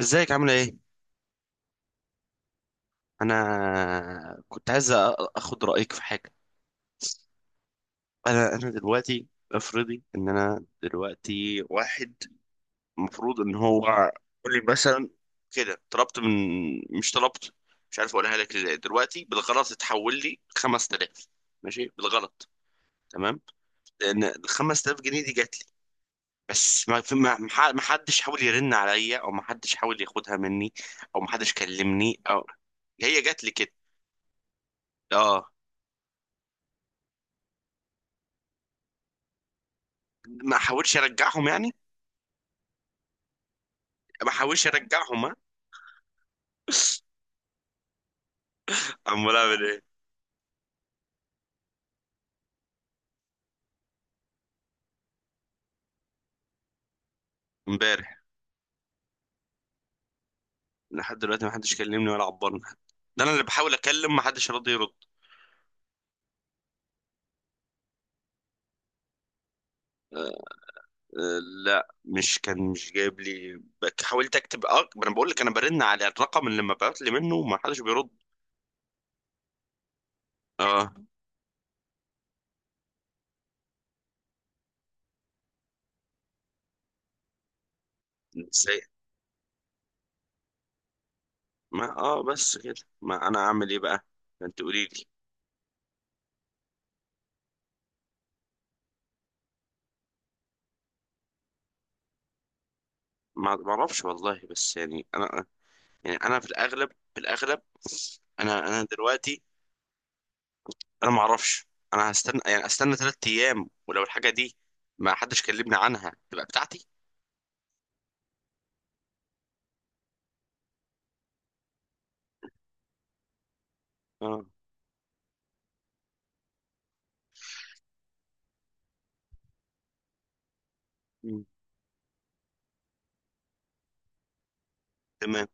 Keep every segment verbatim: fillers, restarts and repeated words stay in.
ازيك؟ عامله ايه؟ انا كنت عايز أ- اخد رايك في حاجه. انا انا دلوقتي افرضي ان انا دلوقتي واحد. المفروض ان هو يقول لي مثلا كده، طلبت من، مش طلبت، مش عارف اقولها لك ازاي. دلوقتي بالغلط اتحول لي خمس تلاف، ماشي، بالغلط، تمام. لان ال خمس تلاف جنيه دي جات لي بس ما في- ما ما- ما حدش حاول يرن عليا، او ما حدش حاول ياخدها مني، او ما حدش كلمني، او هي جات لي كده. اه، ما احاولش ارجعهم يعني؟ ما احاولش ارجعهم، ها؟ امال اعمل ايه؟ امبارح، لحد دلوقتي ما حدش كلمني ولا عبرني. ده انا اللي بحاول اكلم، ما حدش راضي يرد. أه، أه. لا، مش كان مش جايب لي، بك- حاولت اكتب. اه ما انا بقول لك انا برن على الرقم اللي مبعوت لي منه وما حدش بيرد. اه. ازاي؟ ما اه بس كده. ما انا اعمل ايه بقى؟ ما انت قولي لي. ما ما اعرفش والله، بس يعني انا، يعني انا في الاغلب، في الاغلب، انا انا دلوقتي، انا ما اعرفش. انا هستنى، يعني استنى ثلاث ايام، ولو الحاجه دي ما حدش كلمني عنها تبقى بتاعتي. اه. مم. تمام.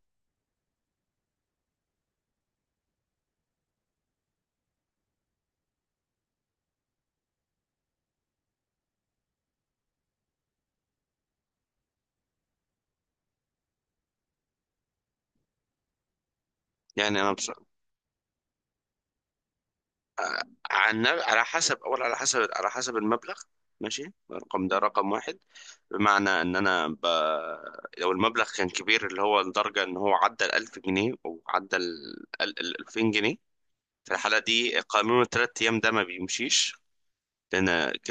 يعني انا بص... عن... على حسب، اول على حسب، على حسب المبلغ. ماشي، الرقم ده رقم واحد، بمعنى ان انا ب... لو المبلغ كان كبير اللي هو لدرجه ان هو عدى ال ألف جنيه، او عدى ال ال- ال- ألفين جنيه، في الحاله دي قانون الثلاث ايام ده ما بيمشيش. لأن ك-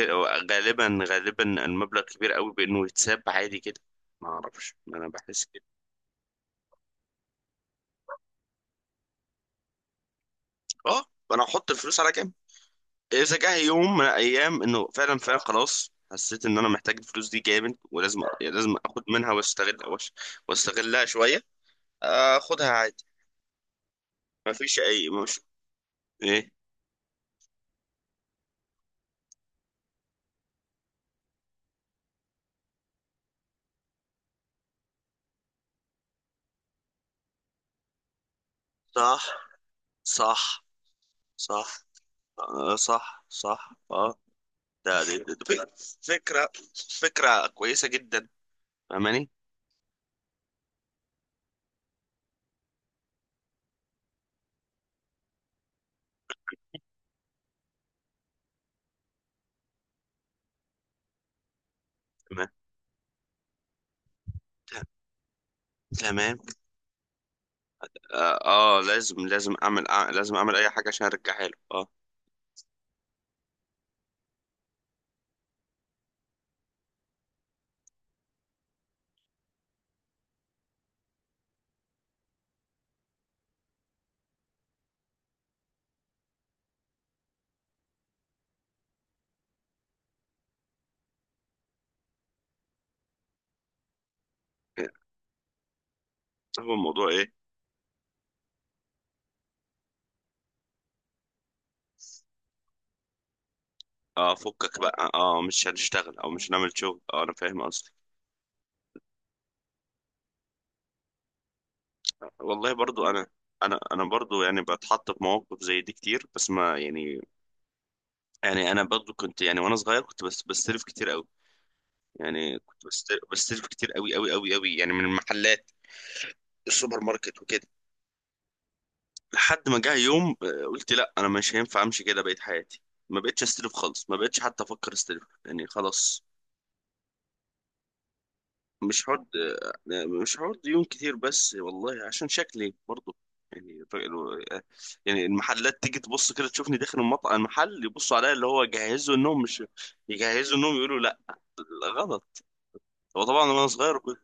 غالبا غالبا المبلغ كبير قوي، بإنه يتساب عادي كده. ما أعرفش، ما أنا بحس كده. أه، أنا هحط الفلوس على جنب. إذا جه يوم من الأيام إنه فعلا فعلا خلاص حسيت إن أنا محتاج الفلوس دي جامد، ولازم لازم آخد منها، واستغل وأش- واستغلها شوية، آخدها عادي. ما فيش أي مش، إيه. صح، صح، صح. آه، صح، صح، أه. ده دي دي- دي فك- فكرة. فكرة كويسة جدا، فاهماني؟ تمام، تمام. اه آه، لازم لازم اعمل، آه، لازم اعمل اي حاجه عشان ارجعها له، اه. هو الموضوع ايه؟ اه فكك بقى، اه مش هنشتغل، او مش هنعمل شغل، اه انا فاهم قصدي. والله برضو انا، انا انا برضو يعني بتحط في مواقف زي دي كتير، بس ما يعني، يعني انا برضو كنت، يعني وانا صغير كنت بس بستلف كتير قوي. يعني كنت بست- بستلف كتير قوي قوي قوي قوي، يعني من المحلات السوبر ماركت وكده. لحد ما جه يوم آه، قلت لا، انا مش هينفع امشي كده بقيت حياتي. ما بقتش استلف خالص، ما بقتش حتى افكر استلف يعني خلاص. مش حوار. مش حوار ديون كتير، بس والله عشان شكلي برضه. يعني ف- يعني المحلات تيجي تبص كده تشوفني داخل المطعم المحل، يبصوا عليا اللي هو جهزوا انهم مش، يجهزوا انهم يقولوا لا. غلط. هو طبعا وانا صغير كنت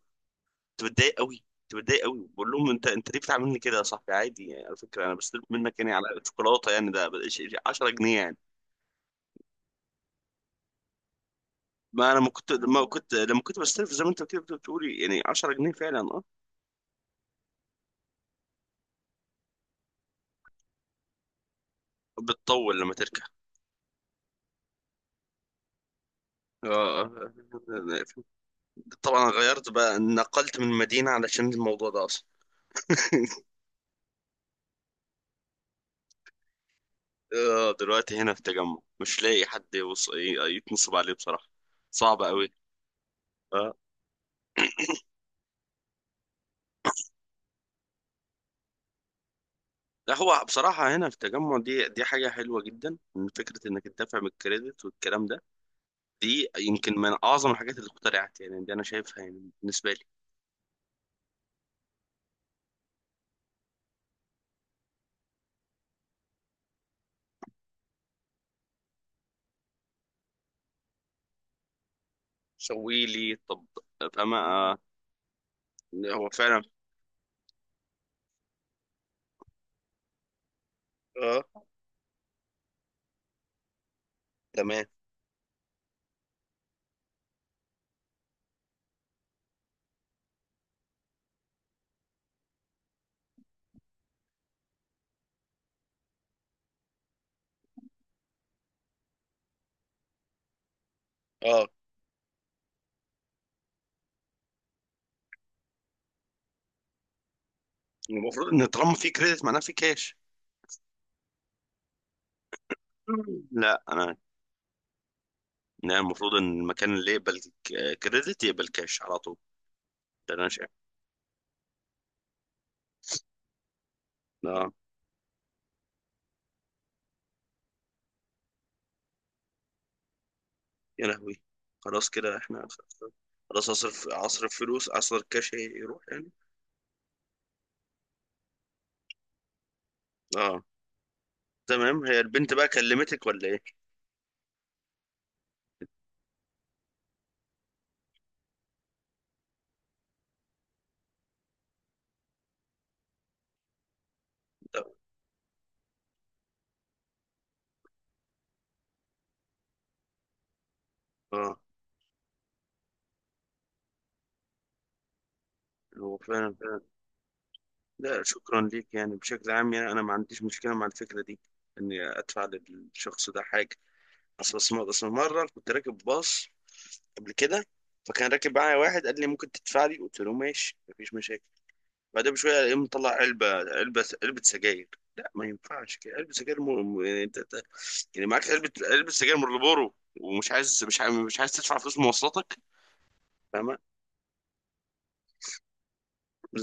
بتضايق قوي، كنت بتضايق قوي بقول لهم، انت انت ليه بتعاملني كده يا صاحبي؟ عادي يعني، على فكره انا بستلف منك يعني على شوكولاته، يعني ده عشرة جنيه يعني. ما انا ما كنت، لما كنت لما كنت بستلف زي ما انت كده بتقولي يعني عشرة جنيه فعلا، اه. بتطول لما تركب. آه، طبعا غيرت بقى، نقلت من مدينة علشان الموضوع ده أصلا. آه، دلوقتي هنا في التجمع مش لاقي حد يوص... يتنصب عليه بصراحة. صعب قوي. اه. لا، هو بصراحة هنا في التجمع دي دي حاجة حلوة جدا، إن فكرة إنك تدافع من الكريدت والكلام ده، دي يمكن من أعظم الحاجات اللي اخترعت. يعني دي أنا شايفها يعني بالنسبة لي. سوي لي طب. فما آه، هو فعلا. اه، تمام، اه. المفروض إن طالما في كريدت معناه في كاش. لا انا. أنا المفروض ان المكان اللي يقبل ك- كريدت يقبل كاش على طول. ده انا شايف. اه، يا لهوي! خلاص كده احنا، خلاص، اصرف اصرف فلوس، اصرف كاش، هي- يروح يعني. اه. تمام، هي البنت بقى كلمتك ولا ايه؟ لا. اه. هو فعلا فعلا. لا شكرا ليك، يعني بشكل عام يعني انا ما عنديش مشكله مع الفكره دي، اني ادفع للشخص ده حاجه. اصل اصل أصل مره كنت راكب باص قبل كده، فكان راكب معايا واحد قال لي ممكن تدفع لي؟ قلت له ماشي، مفيش مشاكل. بعدها بشوية يقوم مطلع علبة علبة علبة سجاير. لا ما ينفعش كده، علبة سجاير، مو... مو- يعني انت أنت- يعني معاك علبة علبة سجاير مارلبورو، ومش عايز مش عايز مش عايز تدفع فلوس مواصلاتك، فاهمة؟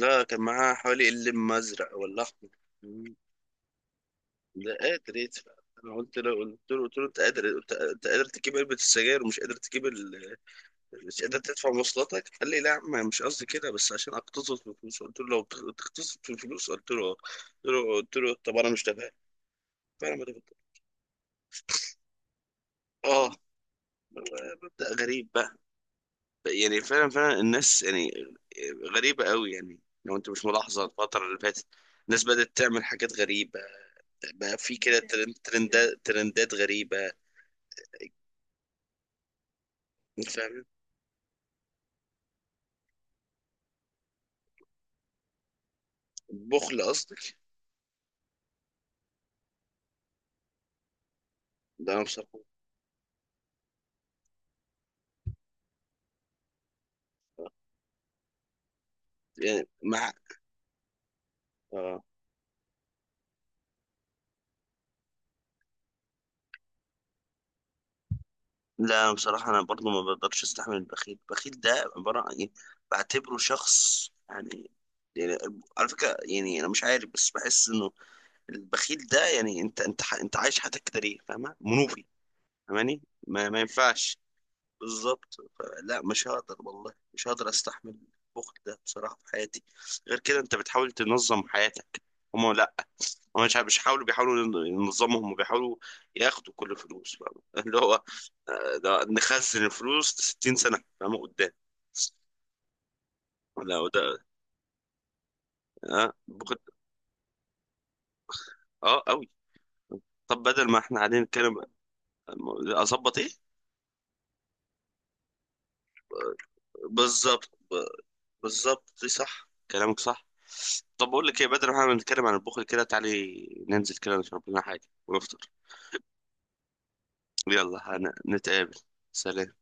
ده كان معاه حوالي اللم أزرق ولا أحمر. لا، قادر يدفع. أنا قلت له قلت له قلت له أنت قادر، قلت- أنت قادر تجيب علبة السجاير ومش قادر تجيب ال... مش قادر تدفع مواصلاتك. قال لي لا يا عم مش قصدي كده، بس عشان أقتصد في الفلوس. قلت له لو بتقتصد في الفلوس، قلت له آه. قلت له قلت له طب أنا مش تابع. فأنا ما تابعت. اه، مبدأ غريب بقى. يعني فعلا فعلا الناس يعني غريبة قوي يعني. لو انت مش ملاحظة الفترة اللي فاتت، الناس بدأت تعمل حاجات غريبة. بقى في كده ترن- ترندات ترندات غريبة. انت فاهم؟ بخل قصدك؟ ده انا بصراحة، يعني مع، اه. لا، أنا بصراحة انا برضو ما بقدرش استحمل البخيل. البخيل ده عبارة عن يعني، بعتبره شخص يعني، يعني، على فكرة يعني انا مش عارف بس بحس انه البخيل ده يعني، انت انت ح- انت عايش حياتك كده ليه؟ فاهمه، منوفي. فاهماني؟ ما, ما ينفعش. بالظبط. لا مش هقدر والله، مش هقدر استحمل البخل ده بصراحه في حياتي. غير كده انت بتحاول تنظم حياتك، هما لا. هما مش مش بيحاولوا بيحاولوا ين- ينظمهم، وبيحاولوا ياخدوا كل فلوس، فاهمة؟ اللي هو آه، ده نخزن الفلوس ستين سنه فاهمه قدام. لا وده، اه بخل. اه قوي. طب بدل ما احنا قاعدين نتكلم، آه، اظبط ايه؟ بالظبط، بالظبط دي صح كلامك صح. طب بقول لك ايه، بدل ما احنا بنتكلم عن البخل كده، تعالي ننزل كده نشرب لنا حاجه ونفطر. يلا هن- نتقابل. سلام.